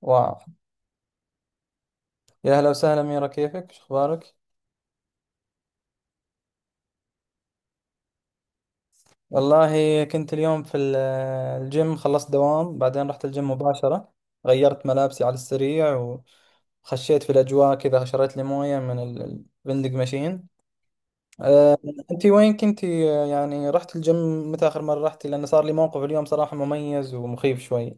واو، يا هلا وسهلا أميرة، كيفك؟ شو أخبارك؟ والله كنت اليوم في الجيم. خلصت دوام بعدين رحت الجيم مباشرة، غيرت ملابسي على السريع وخشيت في الأجواء كذا. شريت لي موية من الفندق ماشين. أه، أنت وين كنتي؟ يعني رحت الجيم، متى آخر مرة رحتي؟ لأن صار لي موقف اليوم صراحة مميز ومخيف شوي.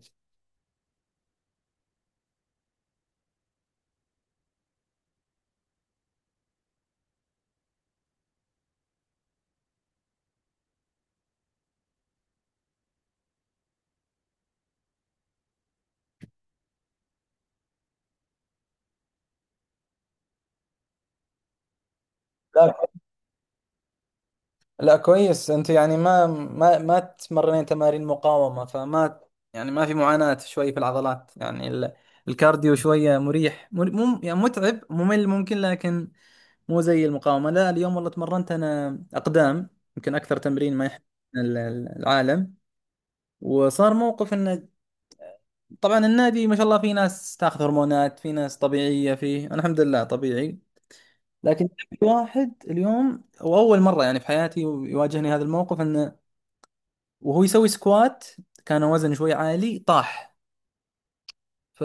لا لا كويس. انت يعني ما تمرنين تمارين مقاومة، فما يعني ما في معاناة شوي في العضلات. يعني الكارديو شوية مريح، يعني متعب ممل ممكن، لكن مو زي المقاومة. لا اليوم والله تمرنت انا اقدام، يمكن اكثر تمرين ما يحب العالم. وصار موقف انه، طبعا النادي ما شاء الله في ناس تاخذ هرمونات، في ناس طبيعية فيه، انا الحمد لله طبيعي، لكن في واحد اليوم، واول مرة يعني في حياتي يواجهني هذا الموقف، انه وهو يسوي سكوات كان وزنه شوي عالي، طاح. ف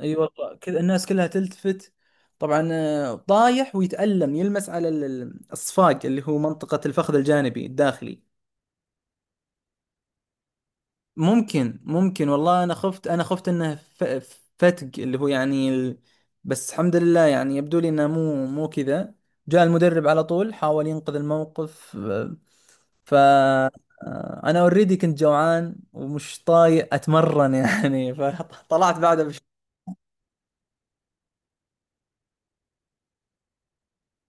اي والله كذا الناس كلها تلتفت. طبعا طايح ويتألم، يلمس على الصفاق اللي هو منطقة الفخذ الجانبي الداخلي. ممكن ممكن والله، انا خفت، انا خفت انه فتق اللي هو يعني ال... بس الحمد لله يعني يبدو لي انه مو كذا. جاء المدرب على طول، حاول ينقذ الموقف. ف آه، انا اوريدي كنت جوعان ومش طايق اتمرن يعني فطلعت بعدها بش...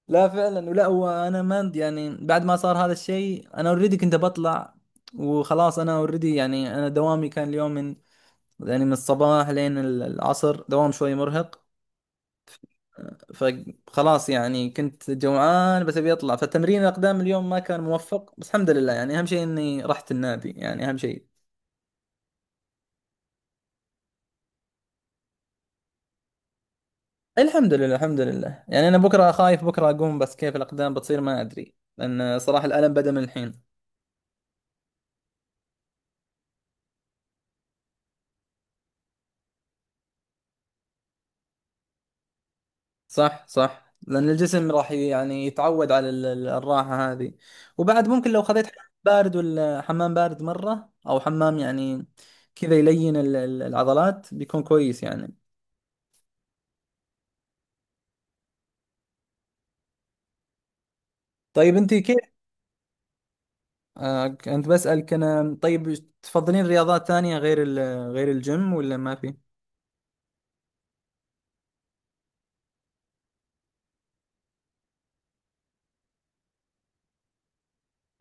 لا فعلا، ولا هو انا ما يعني، بعد ما صار هذا الشيء انا اوريدي كنت بطلع وخلاص. انا اوريدي يعني انا دوامي كان اليوم من، يعني من الصباح لين العصر، دوام شوي مرهق. فخلاص يعني كنت جوعان بس ابي اطلع، فتمرين الاقدام اليوم ما كان موفق، بس الحمد لله يعني اهم شيء اني رحت النادي، يعني اهم شيء. الحمد لله الحمد لله. يعني انا بكره خايف بكره اقوم، بس كيف الاقدام بتصير ما ادري، لان صراحه الالم بدا من الحين. صح صح، لان الجسم راح يعني يتعود على الراحه هذه. وبعد ممكن لو خذيت حمام بارد، ولا حمام بارد مره او حمام يعني كذا يلين العضلات، بيكون كويس يعني. طيب انت كيف؟ آه انت، بسألك انا. طيب تفضلين رياضات ثانية غير غير الجيم ولا ما في؟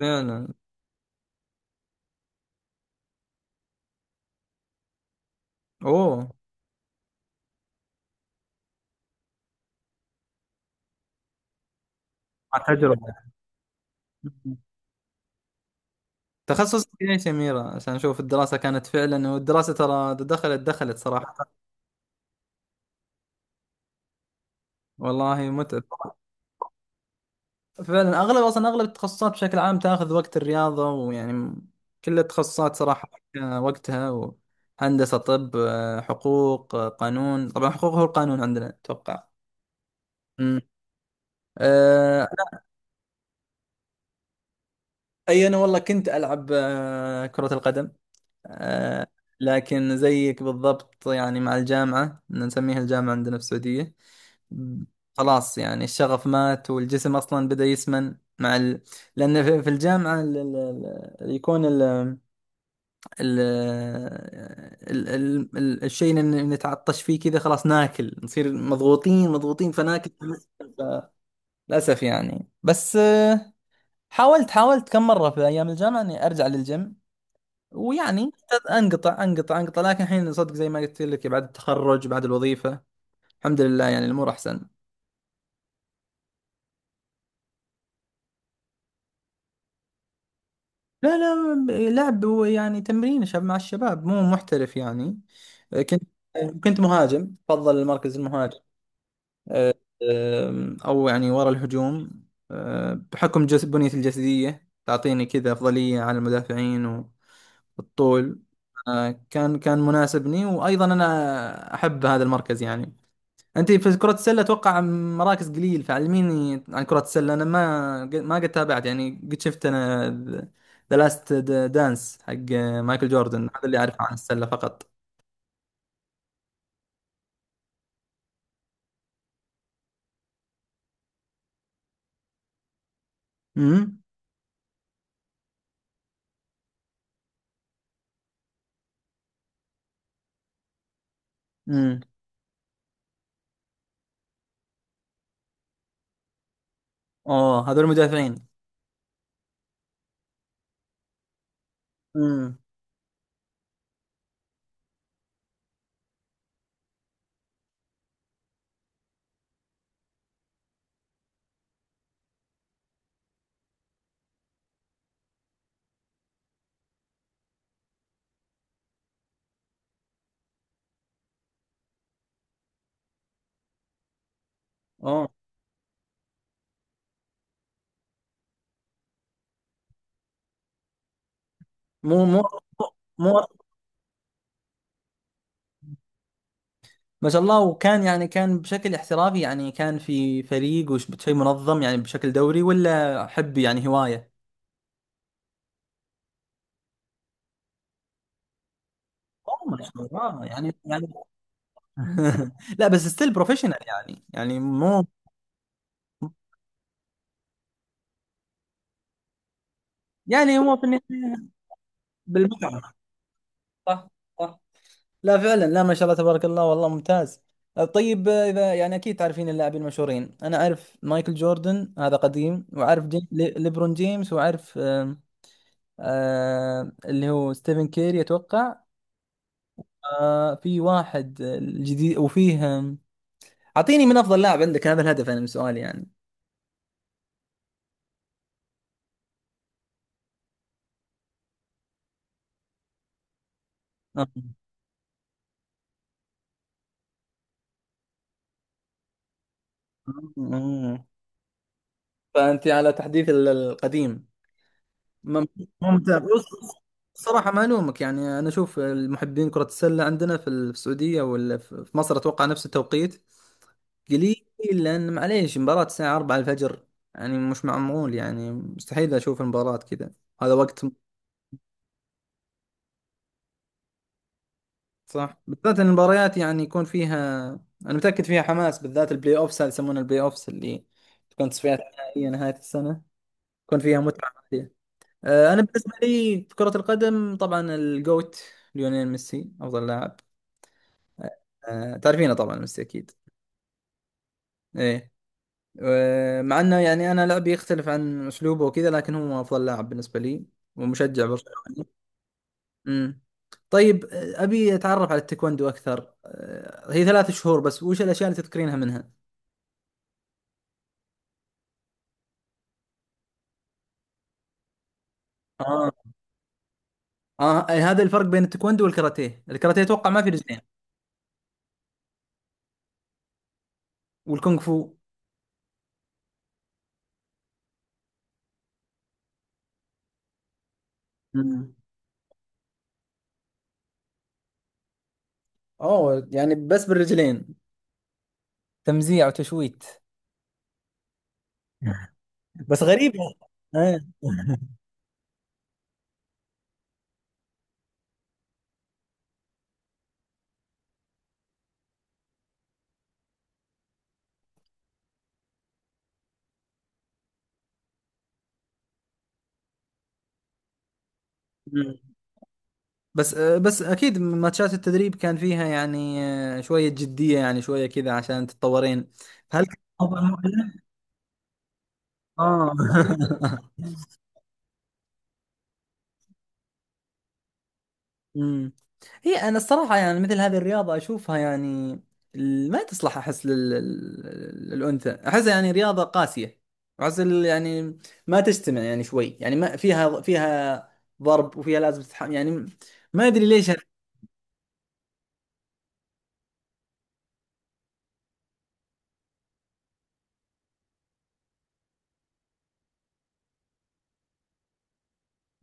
لا لا. اوه. على تجربة. تخصصك ايش يا أميرة؟ عشان أشوف الدراسة كانت فعلا، والدراسة ترى دخلت دخلت صراحة. والله متعب. فعلا أغلب، أصلا أغلب التخصصات بشكل عام تاخذ وقت الرياضة ويعني كل التخصصات صراحة. وقتها و... هندسة، طب، حقوق، قانون، طبعا حقوق هو القانون عندنا أتوقع. أمم. آه، أي أنا والله كنت ألعب كرة القدم، آه، لكن زيك بالضبط يعني مع الجامعة، إن نسميها الجامعة عندنا في السعودية. ب- خلاص يعني الشغف مات والجسم أصلا بدأ يسمن مع ال... لأن في في الجامعة يكون الشيء اللي نتعطش فيه كذا، خلاص ناكل، نصير مضغوطين مضغوطين فناكل، للأسف يعني. بس حاولت حاولت كم مرة في أيام الجامعة إني أرجع للجيم، ويعني انقطع انقطع، لكن الحين صدق زي ما قلت لك، بعد التخرج بعد الوظيفة الحمد لله يعني الامور احسن. لا لا لعب، يعني تمرين شباب مع الشباب، مو محترف يعني. كنت كنت مهاجم، بفضل المركز المهاجم. أه، او يعني ورا الهجوم. بحكم جس بنيتي الجسدية تعطيني كذا افضلية على المدافعين، والطول. كان كان مناسبني، وايضا انا احب هذا المركز يعني. انت في كرة السلة اتوقع مراكز قليل، فعلميني عن كرة السلة، انا ما ما قد تابعت يعني، قد شفت انا ذا لاست دانس حق مايكل جوردن، هذا اللي اعرفه عن السلة فقط. امم. امم. اوه، هذول المدافعين. امم. اوه. مو مو مو ما شاء الله! وكان يعني كان بشكل احترافي يعني؟ كان في فريق وش شيء منظم يعني بشكل دوري، ولا حب يعني هواية؟ اوه ما شاء الله، يعني يعني لا بس ستيل بروفيشنال يعني، يعني مو، يعني هو في النهاية بالمتعة. صح صح. لا فعلا، لا ما شاء الله تبارك الله، والله ممتاز. طيب اذا يعني اكيد تعرفين اللاعبين المشهورين، انا اعرف مايكل جوردن هذا قديم، واعرف ليبرون جيمس، واعرف آه اللي هو ستيفن كيري اتوقع. آه في واحد جديد وفيه اعطيني من افضل لاعب عندك، هذا الهدف انا من سؤالي يعني. آه. آه. فانت على تحديث القديم. مم- ممتع بص. صراحة ما ألومك يعني، أنا أشوف المحبين كرة السلة عندنا في السعودية ولا في في مصر أتوقع نفس التوقيت قليل، لأن معليش مباراة الساعة 4 الفجر، يعني مش معمول يعني، مستحيل أشوف المباراة كذا، هذا وقت صح. بالذات إن المباريات يعني يكون فيها، أنا متأكد فيها حماس، بالذات البلاي أوفس، هذا يسمونه البلاي أوفس، اللي تكون تصفيات نهائية نهاية السنة، يكون فيها متعة. انا بالنسبه لي في كره القدم طبعا الجوت، ليونيل ميسي افضل لاعب. تعرفينه طبعا، ميسي اكيد. ايه. و مع انه يعني انا لعبي يختلف عن اسلوبه وكذا، لكن هو افضل لاعب بالنسبه لي، ومشجع برشلوني. امم. طيب ابي اتعرف على التايكوندو اكثر. هي ثلاث شهور بس، وش الاشياء اللي تذكرينها منها؟ اه اه، أي هذا الفرق بين التايكوندو والكاراتيه، الكاراتيه اتوقع ما في رجلين. والكونغ فو. امم. اوه، يعني بس بالرجلين تمزيع وتشويت. بس غريب. آه. مم. بس بس اكيد ماتشات التدريب كان فيها يعني شويه جديه، يعني شويه كذا عشان تتطورين. فهل كان أفضل مؤهلة؟ اه مم. هي انا الصراحه يعني مثل هذه الرياضه اشوفها يعني ما تصلح، احس للانثى، احسها يعني رياضه قاسيه، احس يعني ما تجتمع يعني شوي، يعني ما فيها فيها ضرب، وفيها لازم تتحمل يعني، ما ادري ليش.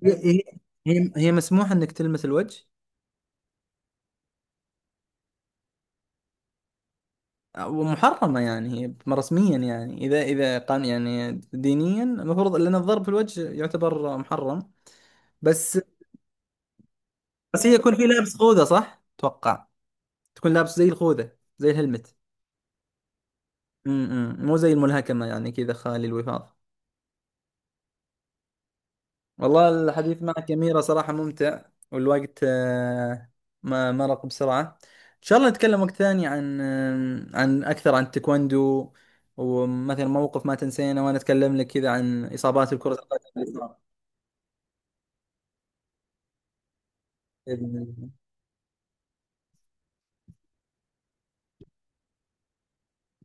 هي هي هي مسموح انك تلمس الوجه؟ ومحرمه يعني هي رسميا، يعني اذا اذا قان يعني دينيا المفروض، لان الضرب في الوجه يعتبر محرم. بس، بس هي يكون في لابس خوذه صح؟ اتوقع تكون لابس زي الخوذه زي الهلمت. امم، مو زي الملهكمه يعني كذا خالي الوفاض. والله الحديث معك يا أميرة صراحة ممتع، والوقت ما مرق بسرعة. إن شاء الله نتكلم وقت ثاني عن عن أكثر عن التايكوندو، ومثلا موقف ما تنسينا، وأنا أتكلم لك كذا عن إصابات الكرة القدم اللي صارت. بإذن الله.